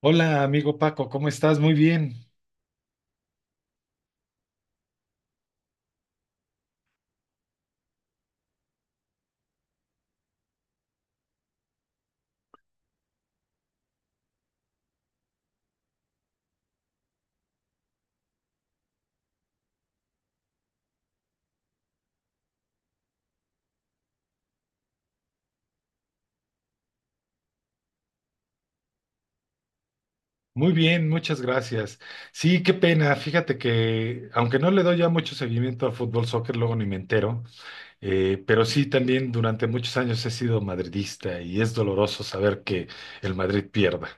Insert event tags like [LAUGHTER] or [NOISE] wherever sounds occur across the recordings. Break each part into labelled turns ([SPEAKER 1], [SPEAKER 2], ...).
[SPEAKER 1] Hola, amigo Paco, ¿cómo estás? Muy bien, muchas gracias. Sí, qué pena, fíjate que aunque no le doy ya mucho seguimiento al fútbol, soccer, luego ni me entero, pero sí también durante muchos años he sido madridista y es doloroso saber que el Madrid pierda.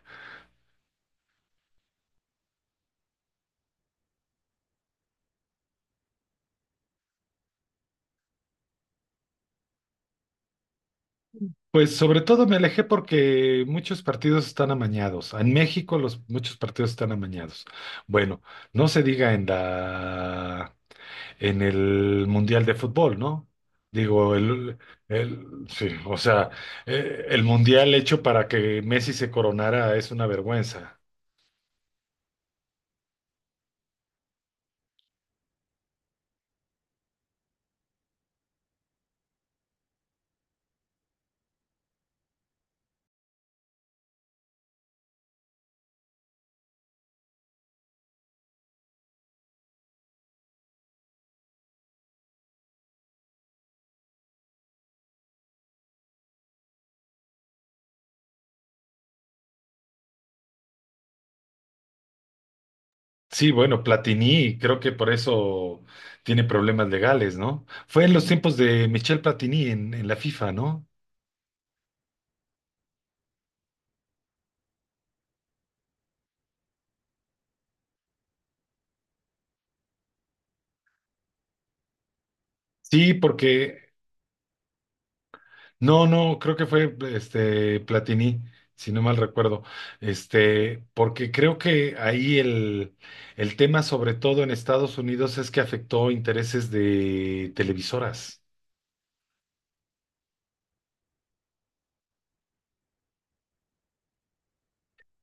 [SPEAKER 1] Pues sobre todo me alejé porque muchos partidos están amañados. En México los muchos partidos están amañados. Bueno, no se diga en el Mundial de Fútbol, ¿no? Digo, el sí, o sea, el Mundial hecho para que Messi se coronara es una vergüenza. Sí, bueno, Platini, creo que por eso tiene problemas legales, ¿no? Fue en los tiempos de Michel Platini en la FIFA, ¿no? Sí, porque No, no, creo que fue este Platini, si no mal recuerdo. Porque creo que ahí el tema, sobre todo en Estados Unidos, es que afectó intereses de televisoras.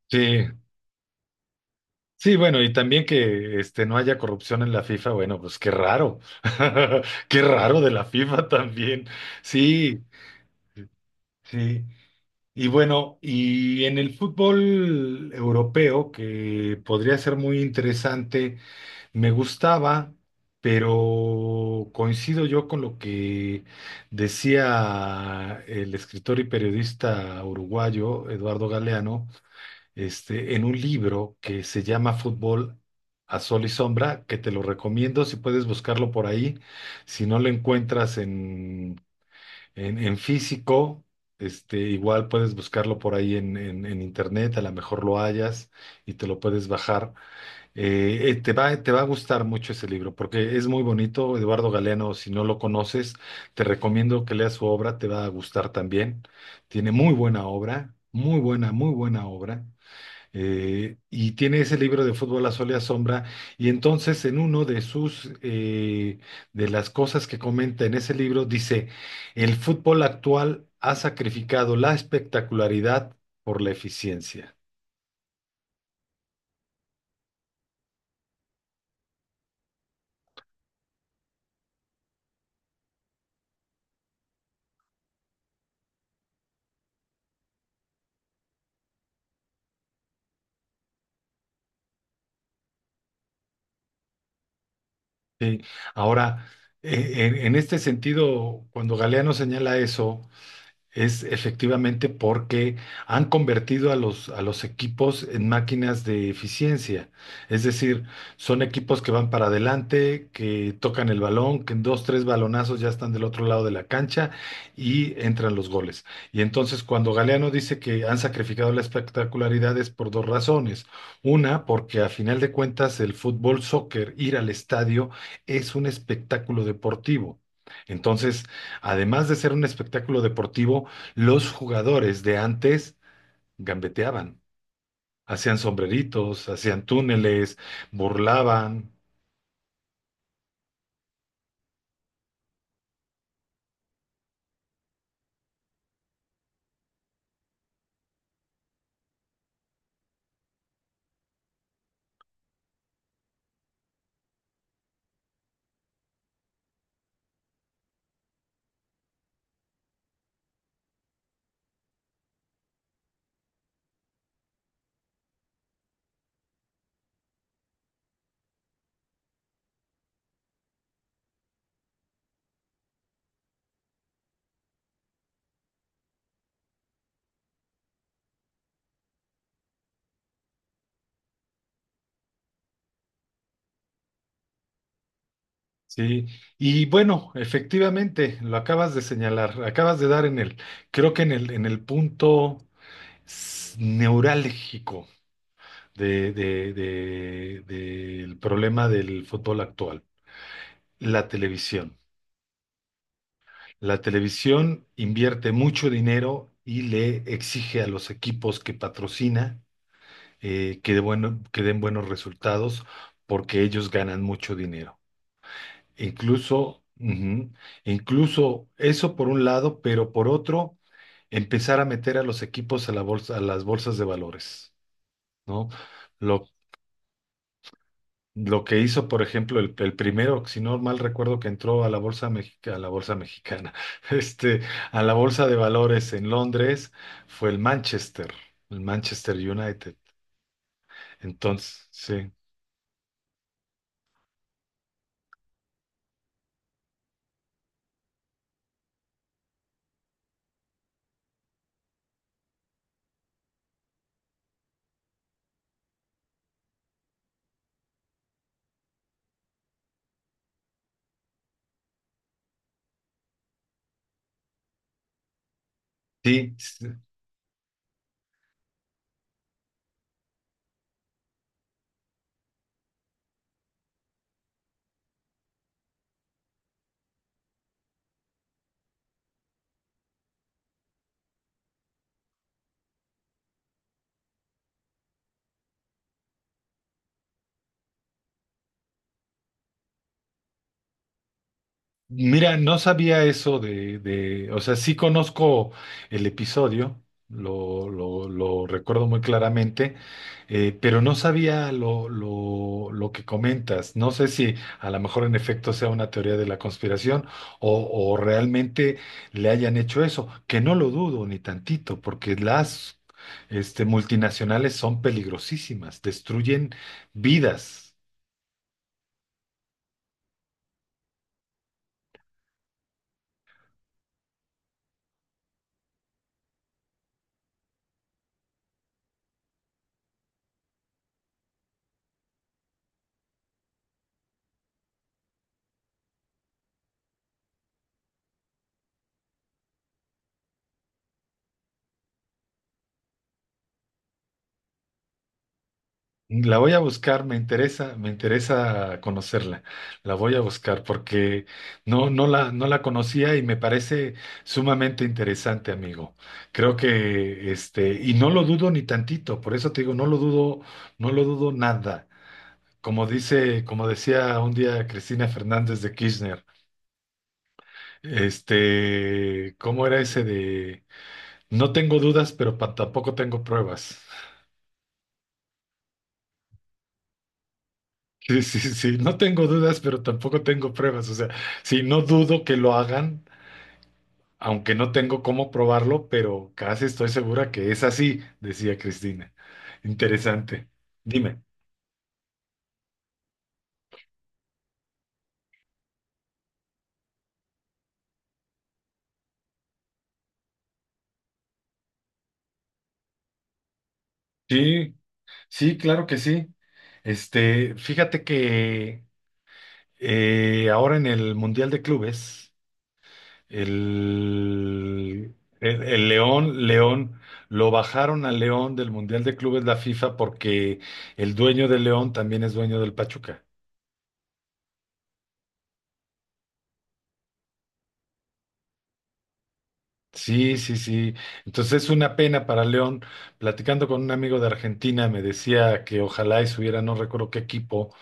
[SPEAKER 1] Sí, sí, bueno, y también que no haya corrupción en la FIFA, bueno, pues qué raro. [LAUGHS] Qué raro de la FIFA también. Sí, sí. Y bueno, y en el fútbol europeo, que podría ser muy interesante. Me gustaba, pero coincido yo con lo que decía el escritor y periodista uruguayo Eduardo Galeano, en un libro que se llama Fútbol a Sol y Sombra, que te lo recomiendo si puedes buscarlo por ahí. Si no lo encuentras en físico, igual puedes buscarlo por ahí en internet, a lo mejor lo hallas y te lo puedes bajar. Te va a gustar mucho ese libro porque es muy bonito. Eduardo Galeano, si no lo conoces, te recomiendo que leas su obra, te va a gustar también. Tiene muy buena obra, muy buena obra. Y tiene ese libro de Fútbol a Sol y a Sombra. Y entonces, en uno de sus, de las cosas que comenta en ese libro, dice, el fútbol actual ha sacrificado la espectacularidad por la eficiencia. Sí. Ahora, en este sentido, cuando Galeano señala eso, es efectivamente porque han convertido a los equipos en máquinas de eficiencia. Es decir, son equipos que van para adelante, que tocan el balón, que en dos, tres balonazos ya están del otro lado de la cancha y entran los goles. Y entonces cuando Galeano dice que han sacrificado la espectacularidad es por dos razones. Una, porque a final de cuentas el fútbol, soccer, ir al estadio es un espectáculo deportivo. Entonces, además de ser un espectáculo deportivo, los jugadores de antes gambeteaban, hacían sombreritos, hacían túneles, burlaban, ¿sí? Y bueno, efectivamente, lo acabas de señalar, acabas de dar en el, creo que en el punto neurálgico del problema del fútbol actual, la televisión. La televisión invierte mucho dinero y le exige a los equipos que patrocina que den buenos resultados porque ellos ganan mucho dinero. Incluso, ujú, incluso eso por un lado, pero por otro, empezar a meter a los equipos a la bolsa, a las bolsas de valores, ¿no? Lo Lo que hizo, por ejemplo, el primero, si no mal recuerdo, que entró a la bolsa mexicana, [LAUGHS] este, a la bolsa de valores en Londres, fue el Manchester United. Entonces, sí, sí, mira, no sabía eso o sea, sí conozco el episodio, lo recuerdo muy claramente, pero no sabía lo que comentas. No sé si a lo mejor en efecto sea una teoría de la conspiración o, o realmente le hayan hecho eso, que no lo dudo ni tantito, porque las multinacionales son peligrosísimas, destruyen vidas. La voy a buscar, me interesa conocerla. La voy a buscar porque no, no la conocía y me parece sumamente interesante, amigo. Creo que y no lo dudo ni tantito, por eso te digo, no lo dudo, no lo dudo nada. Como decía un día Cristina Fernández de Kirchner, ¿cómo era ese de no tengo dudas, pero tampoco tengo pruebas? Sí, sí, sí, no tengo dudas, pero tampoco tengo pruebas. O sea, sí, no dudo que lo hagan, aunque no tengo cómo probarlo, pero casi estoy segura que es así, decía Cristina. Interesante. Dime. Sí, sí, claro que sí. Fíjate que ahora en el Mundial de Clubes, el, el León, lo bajaron al León del Mundial de Clubes la FIFA porque el dueño del León también es dueño del Pachuca. Sí, sí, sí. Entonces es una pena para León. Platicando con un amigo de Argentina, me decía que ojalá y subiera, no recuerdo qué equipo,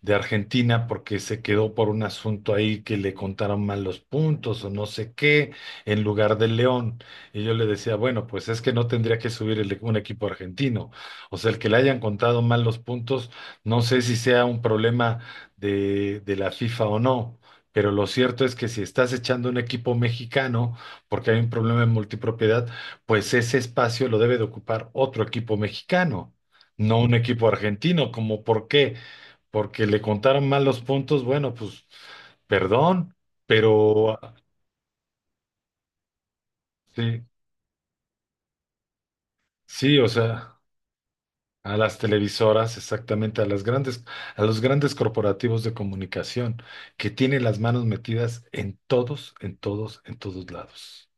[SPEAKER 1] de Argentina porque se quedó por un asunto ahí que le contaron mal los puntos o no sé qué en lugar del León. Y yo le decía, bueno, pues es que no tendría que subir un equipo argentino. O sea, el que le hayan contado mal los puntos, no sé si sea un problema de la FIFA o no. Pero lo cierto es que si estás echando un equipo mexicano, porque hay un problema en multipropiedad, pues ese espacio lo debe de ocupar otro equipo mexicano, no un equipo argentino, como por qué porque le contaron mal los puntos, bueno, pues perdón, pero sí, sí, o sea, a las televisoras, exactamente, a las grandes, a los grandes corporativos de comunicación que tienen las manos metidas en todos, en todos, en todos lados.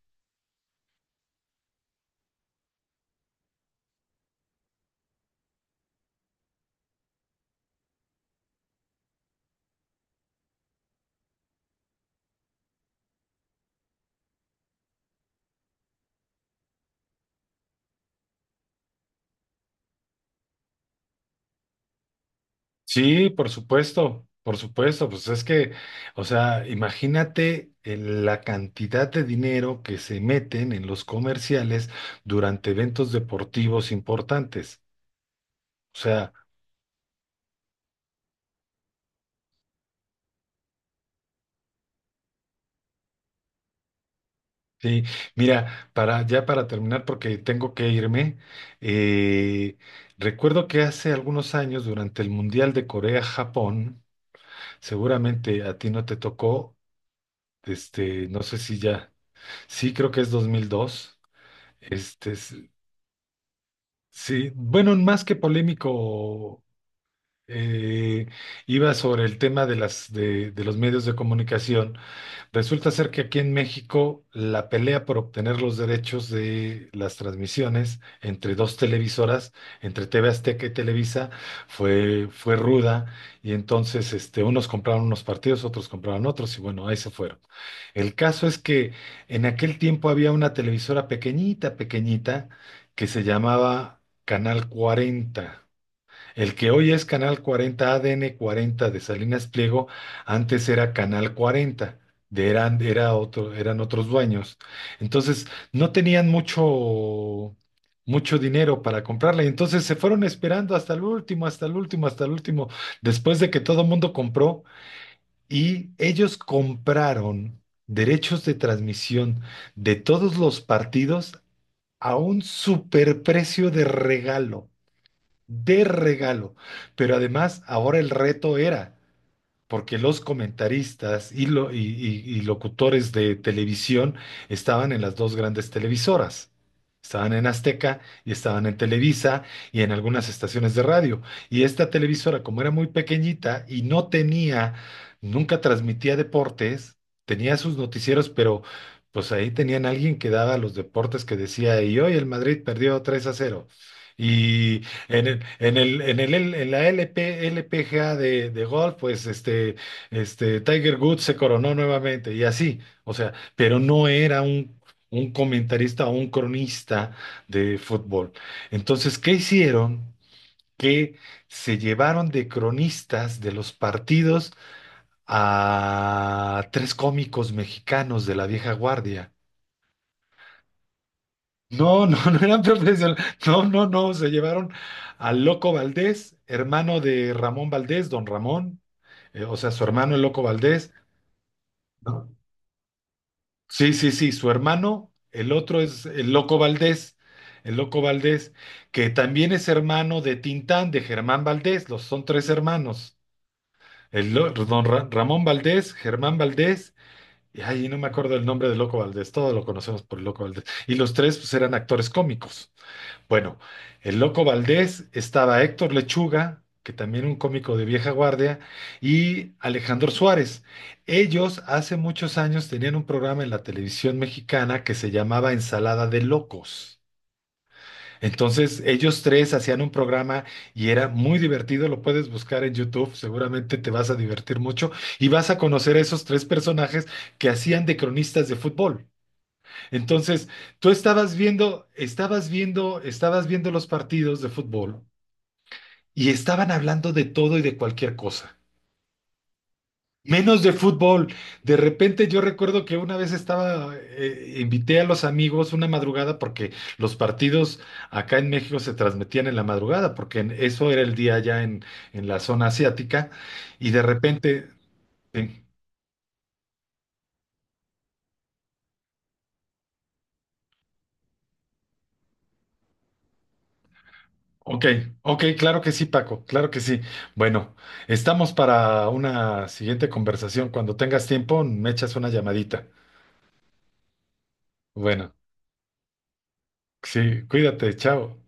[SPEAKER 1] Sí, por supuesto, pues es que, o sea, imagínate la cantidad de dinero que se meten en los comerciales durante eventos deportivos importantes. O sea, sí, mira, para terminar, porque tengo que irme, eh, recuerdo que hace algunos años, durante el Mundial de Corea-Japón, seguramente a ti no te tocó. No sé si ya, sí, creo que es 2002. este, es- sí, bueno, más que polémico. eh, Iba sobre el tema de los medios de comunicación. Resulta ser que aquí en México la pelea por obtener los derechos de las transmisiones entre dos televisoras, entre TV Azteca y Televisa, fue ruda y entonces unos compraron unos partidos, otros compraron otros y bueno, ahí se fueron. El caso es que en aquel tiempo había una televisora pequeñita, pequeñita, que se llamaba Canal 40. El que hoy es Canal 40, ADN 40 de Salinas Pliego, antes era Canal 40, era otro, eran otros dueños. Entonces, no tenían mucho, mucho dinero para comprarla. Y entonces se fueron esperando hasta el último, hasta el último, hasta el último, después de que todo el mundo compró. Y ellos compraron derechos de transmisión de todos los partidos a un superprecio de regalo de regalo. Pero además, ahora el reto era, porque los comentaristas y locutores de televisión estaban en las dos grandes televisoras. Estaban en Azteca y estaban en Televisa y en algunas estaciones de radio. Y esta televisora, como era muy pequeñita y no tenía, nunca transmitía deportes, tenía sus noticieros, pero pues ahí tenían alguien que daba los deportes que decía, y hoy el Madrid perdió 3-0. Y en la LPGA de golf, pues Tiger Woods se coronó nuevamente y así, o sea, pero no era un comentarista o un cronista de fútbol. Entonces, ¿qué hicieron? Que se llevaron de cronistas de los partidos a tres cómicos mexicanos de la vieja guardia. No, no, [LAUGHS] no eran profesionales. No, no, no. Se llevaron al Loco Valdés, hermano de Ramón Valdés, don Ramón. O sea, su hermano el Loco Valdés. ¿No? Sí, sí, sí, su hermano. El otro es el Loco Valdés. El Loco Valdés, que también es hermano de Tintán, de Germán Valdés. Los son tres hermanos. El, lo- don Ra- Ramón Valdés, Germán Valdés. Y ay, no me acuerdo el nombre del Loco Valdés. Todos lo conocemos por el Loco Valdés. Y los tres, pues, eran actores cómicos. Bueno, el Loco Valdés, estaba Héctor Lechuga, que también un cómico de vieja guardia, y Alejandro Suárez. Ellos hace muchos años tenían un programa en la televisión mexicana que se llamaba Ensalada de Locos. Entonces, ellos tres hacían un programa y era muy divertido, lo puedes buscar en YouTube, seguramente te vas a divertir mucho y vas a conocer a esos tres personajes que hacían de cronistas de fútbol. Entonces, tú estabas viendo, estabas viendo, estabas viendo los partidos de fútbol y estaban hablando de todo y de cualquier cosa, menos de fútbol. De repente yo recuerdo que una vez invité a los amigos una madrugada porque los partidos acá en México se transmitían en la madrugada, porque eso era el día allá en la zona asiática, y de repente. Sí. Ok, ok, claro que sí, Paco, claro que sí. Bueno, estamos para una siguiente conversación. Cuando tengas tiempo, me echas una llamadita. Bueno, sí, cuídate, chao.